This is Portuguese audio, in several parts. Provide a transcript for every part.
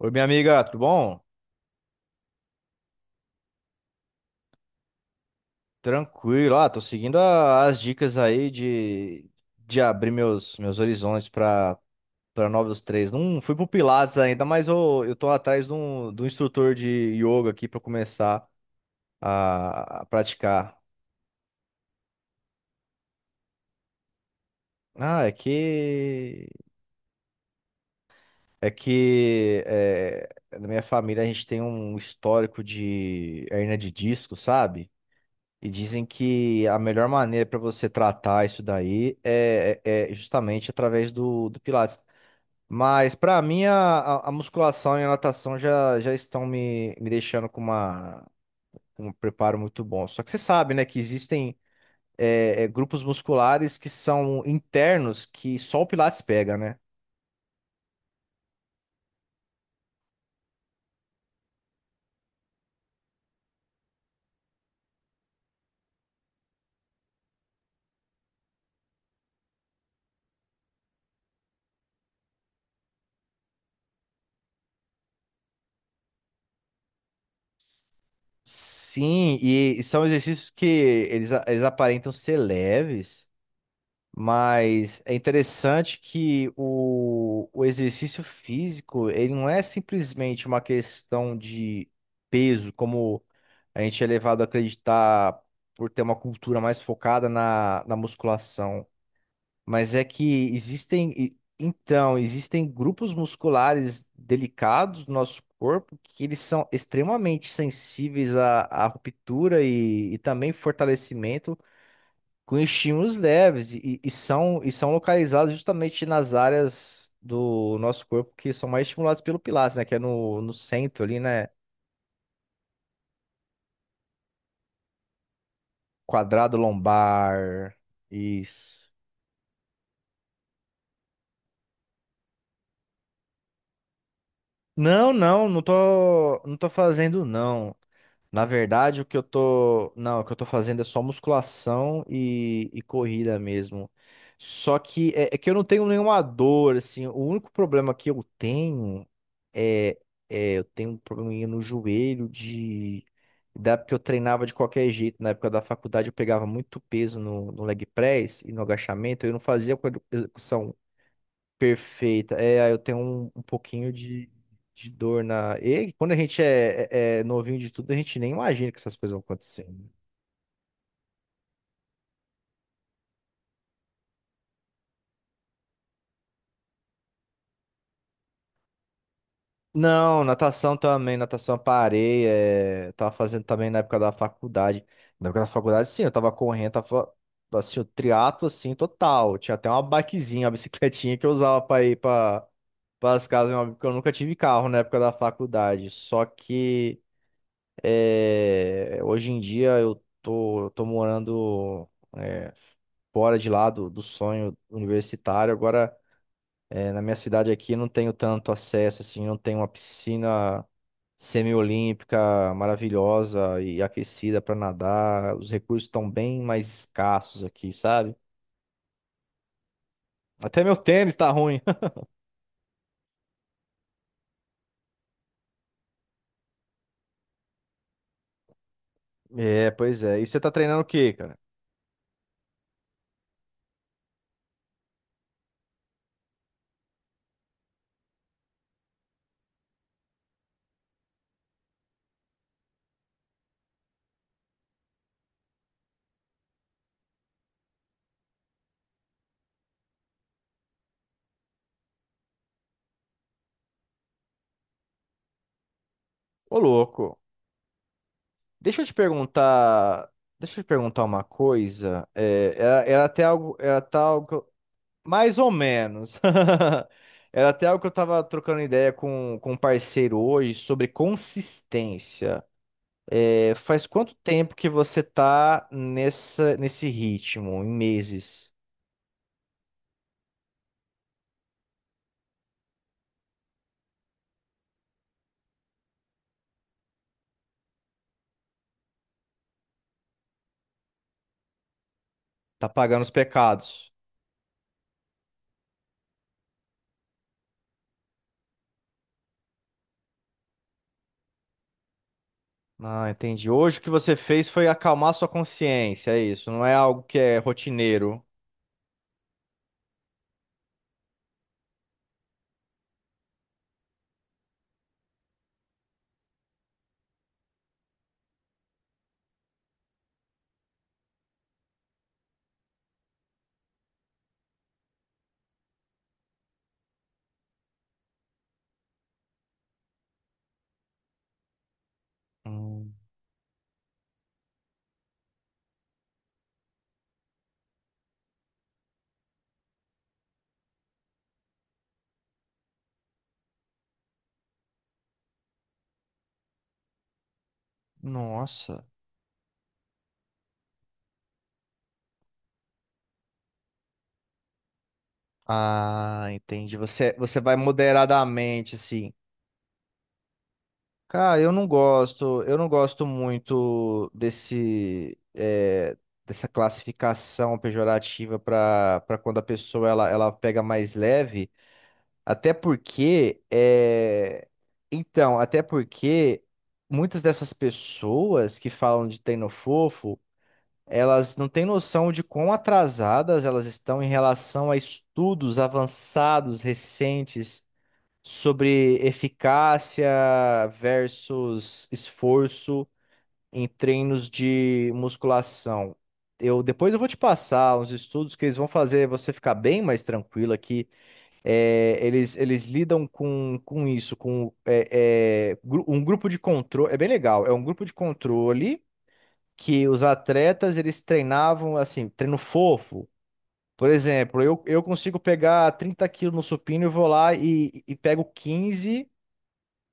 Oi, minha amiga, tudo bom? Tranquilo, tô seguindo as dicas aí de abrir meus horizontes para novos treinos. Não fui pro Pilates ainda, mas eu tô atrás de um instrutor de yoga aqui para começar a praticar. Ah, é que na minha família a gente tem um histórico de hernia de disco, sabe? E dizem que a melhor maneira para você tratar isso daí é justamente através do Pilates. Mas para mim, a musculação e a natação já estão me deixando com uma, com um preparo muito bom. Só que você sabe, né, que existem grupos musculares que são internos que só o Pilates pega, né? Sim, e são exercícios que eles aparentam ser leves. Mas é interessante que o exercício físico, ele não é simplesmente uma questão de peso, como a gente é levado a acreditar por ter uma cultura mais focada na musculação. Mas é que existem, então, existem grupos musculares delicados do nosso corpo que eles são extremamente sensíveis à ruptura e também fortalecimento com estímulos leves e são localizados justamente nas áreas do nosso corpo que são mais estimuladas pelo Pilates, né? Que é no centro ali, né? Quadrado lombar. Isso. Não, não, não tô, não tô fazendo, não. Na verdade, o que eu tô, não, o que eu tô fazendo é só musculação e corrida mesmo. Só que é que eu não tenho nenhuma dor, assim. O único problema que eu tenho é, é eu tenho um probleminha no joelho de da época que eu treinava de qualquer jeito. Na época da faculdade eu pegava muito peso no leg press e no agachamento. Eu não fazia com a execução perfeita. É, aí eu tenho um pouquinho de dor na. E quando a gente é novinho de tudo, a gente nem imagina que essas coisas vão acontecendo. Não, natação também, natação eu parei. Eu tava fazendo também na época da faculdade. Na época da faculdade, sim, eu tava correndo, tava assim, o triatlo assim, total. Tinha até uma bikezinha, uma bicicletinha que eu usava pra ir pras casas do meu amigo, porque eu nunca tive carro na época da faculdade. Só que hoje em dia eu tô morando fora de lá do sonho universitário. Agora, na minha cidade aqui, não tenho tanto acesso, assim, não tenho uma piscina semiolímpica maravilhosa e aquecida para nadar. Os recursos estão bem mais escassos aqui, sabe? Até meu tênis tá ruim. É, pois é. E você tá treinando o quê, cara? Ô, louco. Deixa eu te perguntar. Deixa eu te perguntar uma coisa. É, era, era até algo, era tal, Mais ou menos. Era até algo que eu tava trocando ideia com um parceiro hoje sobre consistência. Faz quanto tempo que você tá nessa, nesse ritmo, em meses? Tá pagando os pecados? Ah, entendi. Hoje o que você fez foi acalmar sua consciência, é isso. Não é algo que é rotineiro. Hum, nossa. Ah, entendi. Você vai moderadamente, assim. Cara, eu não gosto muito desse, dessa classificação pejorativa para quando a pessoa ela pega mais leve, até porque é, então, até porque muitas dessas pessoas que falam de treino fofo, elas não têm noção de quão atrasadas elas estão em relação a estudos avançados recentes sobre eficácia versus esforço em treinos de musculação. Eu depois eu vou te passar uns estudos que eles vão fazer você ficar bem mais tranquilo aqui. Eles lidam com isso, com um grupo de controle. É bem legal. É um grupo de controle que os atletas eles treinavam assim, treino fofo. Por exemplo, eu consigo pegar 30 quilos no supino e vou lá e pego 15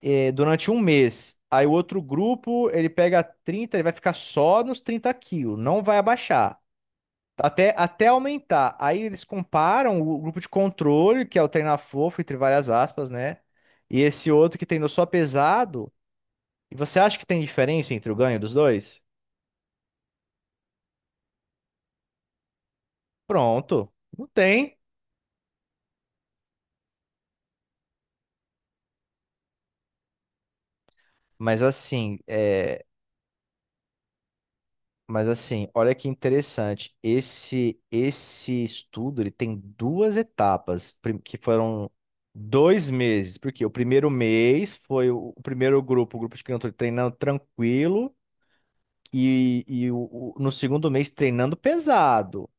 durante um mês. Aí o outro grupo, ele pega 30, ele vai ficar só nos 30 quilos, não vai abaixar. Até aumentar. Aí eles comparam o grupo de controle, que é o Treina Fofo, entre várias aspas, né? E esse outro que treinou só pesado. E você acha que tem diferença entre o ganho dos dois? Pronto, não tem. Mas assim, é, Mas assim, olha que interessante. Esse estudo ele tem duas etapas que foram 2 meses, porque o primeiro mês foi o primeiro grupo, o grupo de crianças treinando tranquilo e no segundo mês treinando pesado.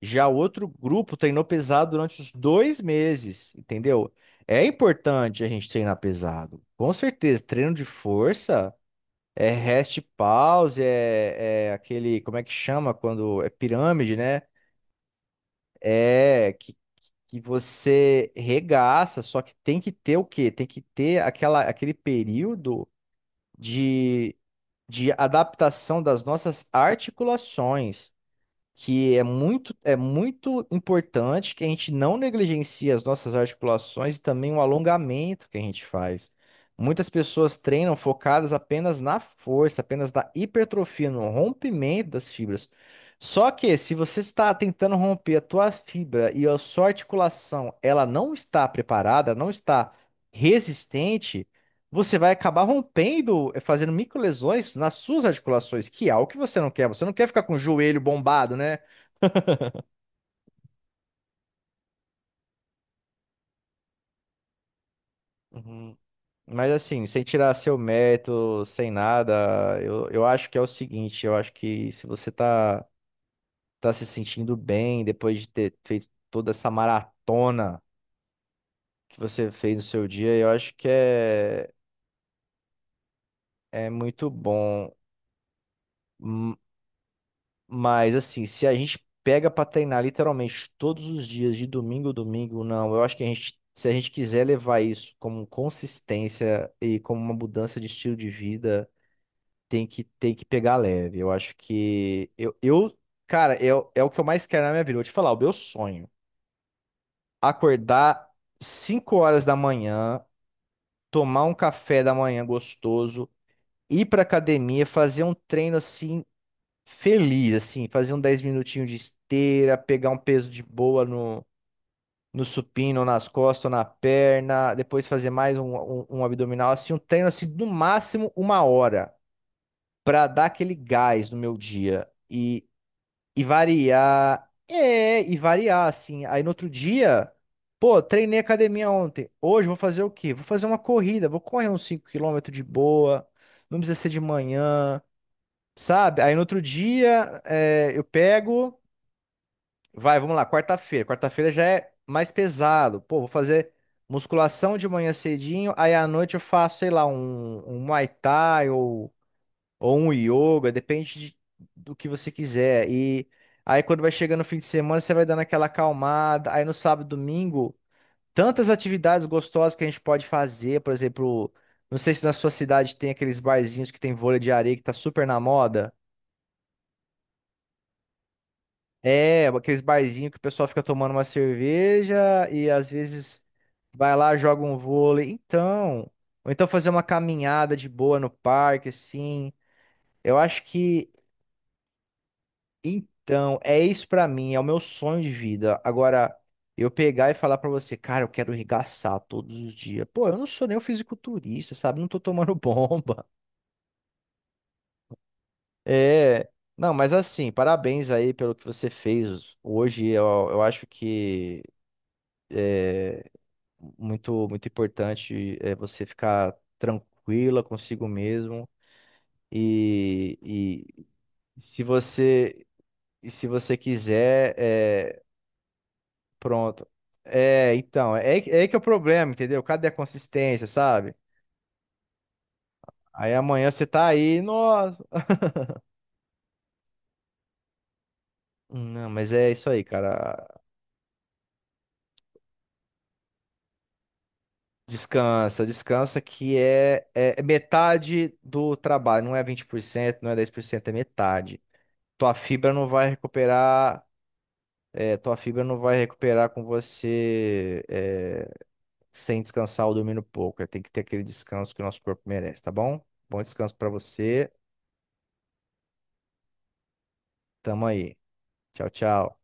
Já o outro grupo treinou pesado durante os 2 meses, entendeu? É importante a gente treinar pesado, com certeza. Treino de força. É rest pause, é aquele, como é que chama quando é pirâmide, né? É que você regaça, só que tem que ter o quê? Tem que ter aquela, aquele período de, de adaptação das nossas articulações que é muito importante que a gente não negligencie as nossas articulações e também o alongamento que a gente faz. Muitas pessoas treinam focadas apenas na força, apenas na hipertrofia, no rompimento das fibras. Só que se você está tentando romper a tua fibra e a sua articulação, ela não está preparada, não está resistente, você vai acabar rompendo, fazendo microlesões nas suas articulações, que é algo que você não quer. Você não quer ficar com o joelho bombado, né? Uhum. Mas assim, sem tirar seu mérito, sem nada, eu acho que é o seguinte, eu acho que se você tá, tá se sentindo bem depois de ter feito toda essa maratona que você fez no seu dia, eu acho que é, é muito bom. M- Mas assim, se a gente pega pra treinar literalmente todos os dias, de domingo a domingo, não, eu acho que a gente, se a gente quiser levar isso como consistência e como uma mudança de estilo de vida, tem que pegar leve. Eu acho que. Eu cara, é o que eu mais quero na minha vida. Vou te falar, o meu sonho. Acordar 5 horas da manhã, tomar um café da manhã gostoso, ir pra academia, fazer um treino assim, feliz, assim, fazer um 10 minutinhos de esteira, pegar um peso de boa no. No supino, ou nas costas, ou na perna, depois fazer mais um abdominal, assim, um treino assim, no máximo uma hora, pra dar aquele gás no meu dia. E variar. E variar, assim. Aí no outro dia, pô, treinei academia ontem. Hoje eu vou fazer o quê? Vou fazer uma corrida, vou correr uns 5 quilômetros de boa. Não precisa ser de manhã, sabe? Aí no outro dia, eu pego. Vai, vamos lá, quarta-feira. Quarta-feira já é mais pesado. Pô, vou fazer musculação de manhã cedinho. Aí à noite eu faço, sei lá, um Muay Thai ou um yoga, depende do que você quiser. E aí quando vai chegando o fim de semana, você vai dando aquela acalmada. Aí no sábado, domingo, tantas atividades gostosas que a gente pode fazer, por exemplo, não sei se na sua cidade tem aqueles barzinhos que tem vôlei de areia que tá super na moda. É, aqueles barzinhos que o pessoal fica tomando uma cerveja e às vezes vai lá, joga um vôlei. Então, ou então fazer uma caminhada de boa no parque, assim. Eu acho que Então, é isso pra mim, é o meu sonho de vida. Agora, eu pegar e falar pra você, cara, eu quero regaçar todos os dias. Pô, eu não sou nem um fisiculturista, sabe? Não tô tomando bomba. É. Não, mas assim, parabéns aí pelo que você fez hoje. Eu acho que muito, muito importante é você ficar tranquila consigo mesmo. E se você, se você quiser. Pronto. É, então, é aí que é o problema, entendeu? Cadê a consistência, sabe? Aí amanhã você tá aí, nossa. Não, mas é isso aí, cara. Descansa, descansa que é metade do trabalho, não é 20%, não é 10%, é metade. Tua fibra não vai recuperar, tua fibra não vai recuperar com você sem descansar ou dormindo pouco. Tem que ter aquele descanso que o nosso corpo merece, tá bom? Bom descanso pra você. Tamo aí. Tchau, tchau.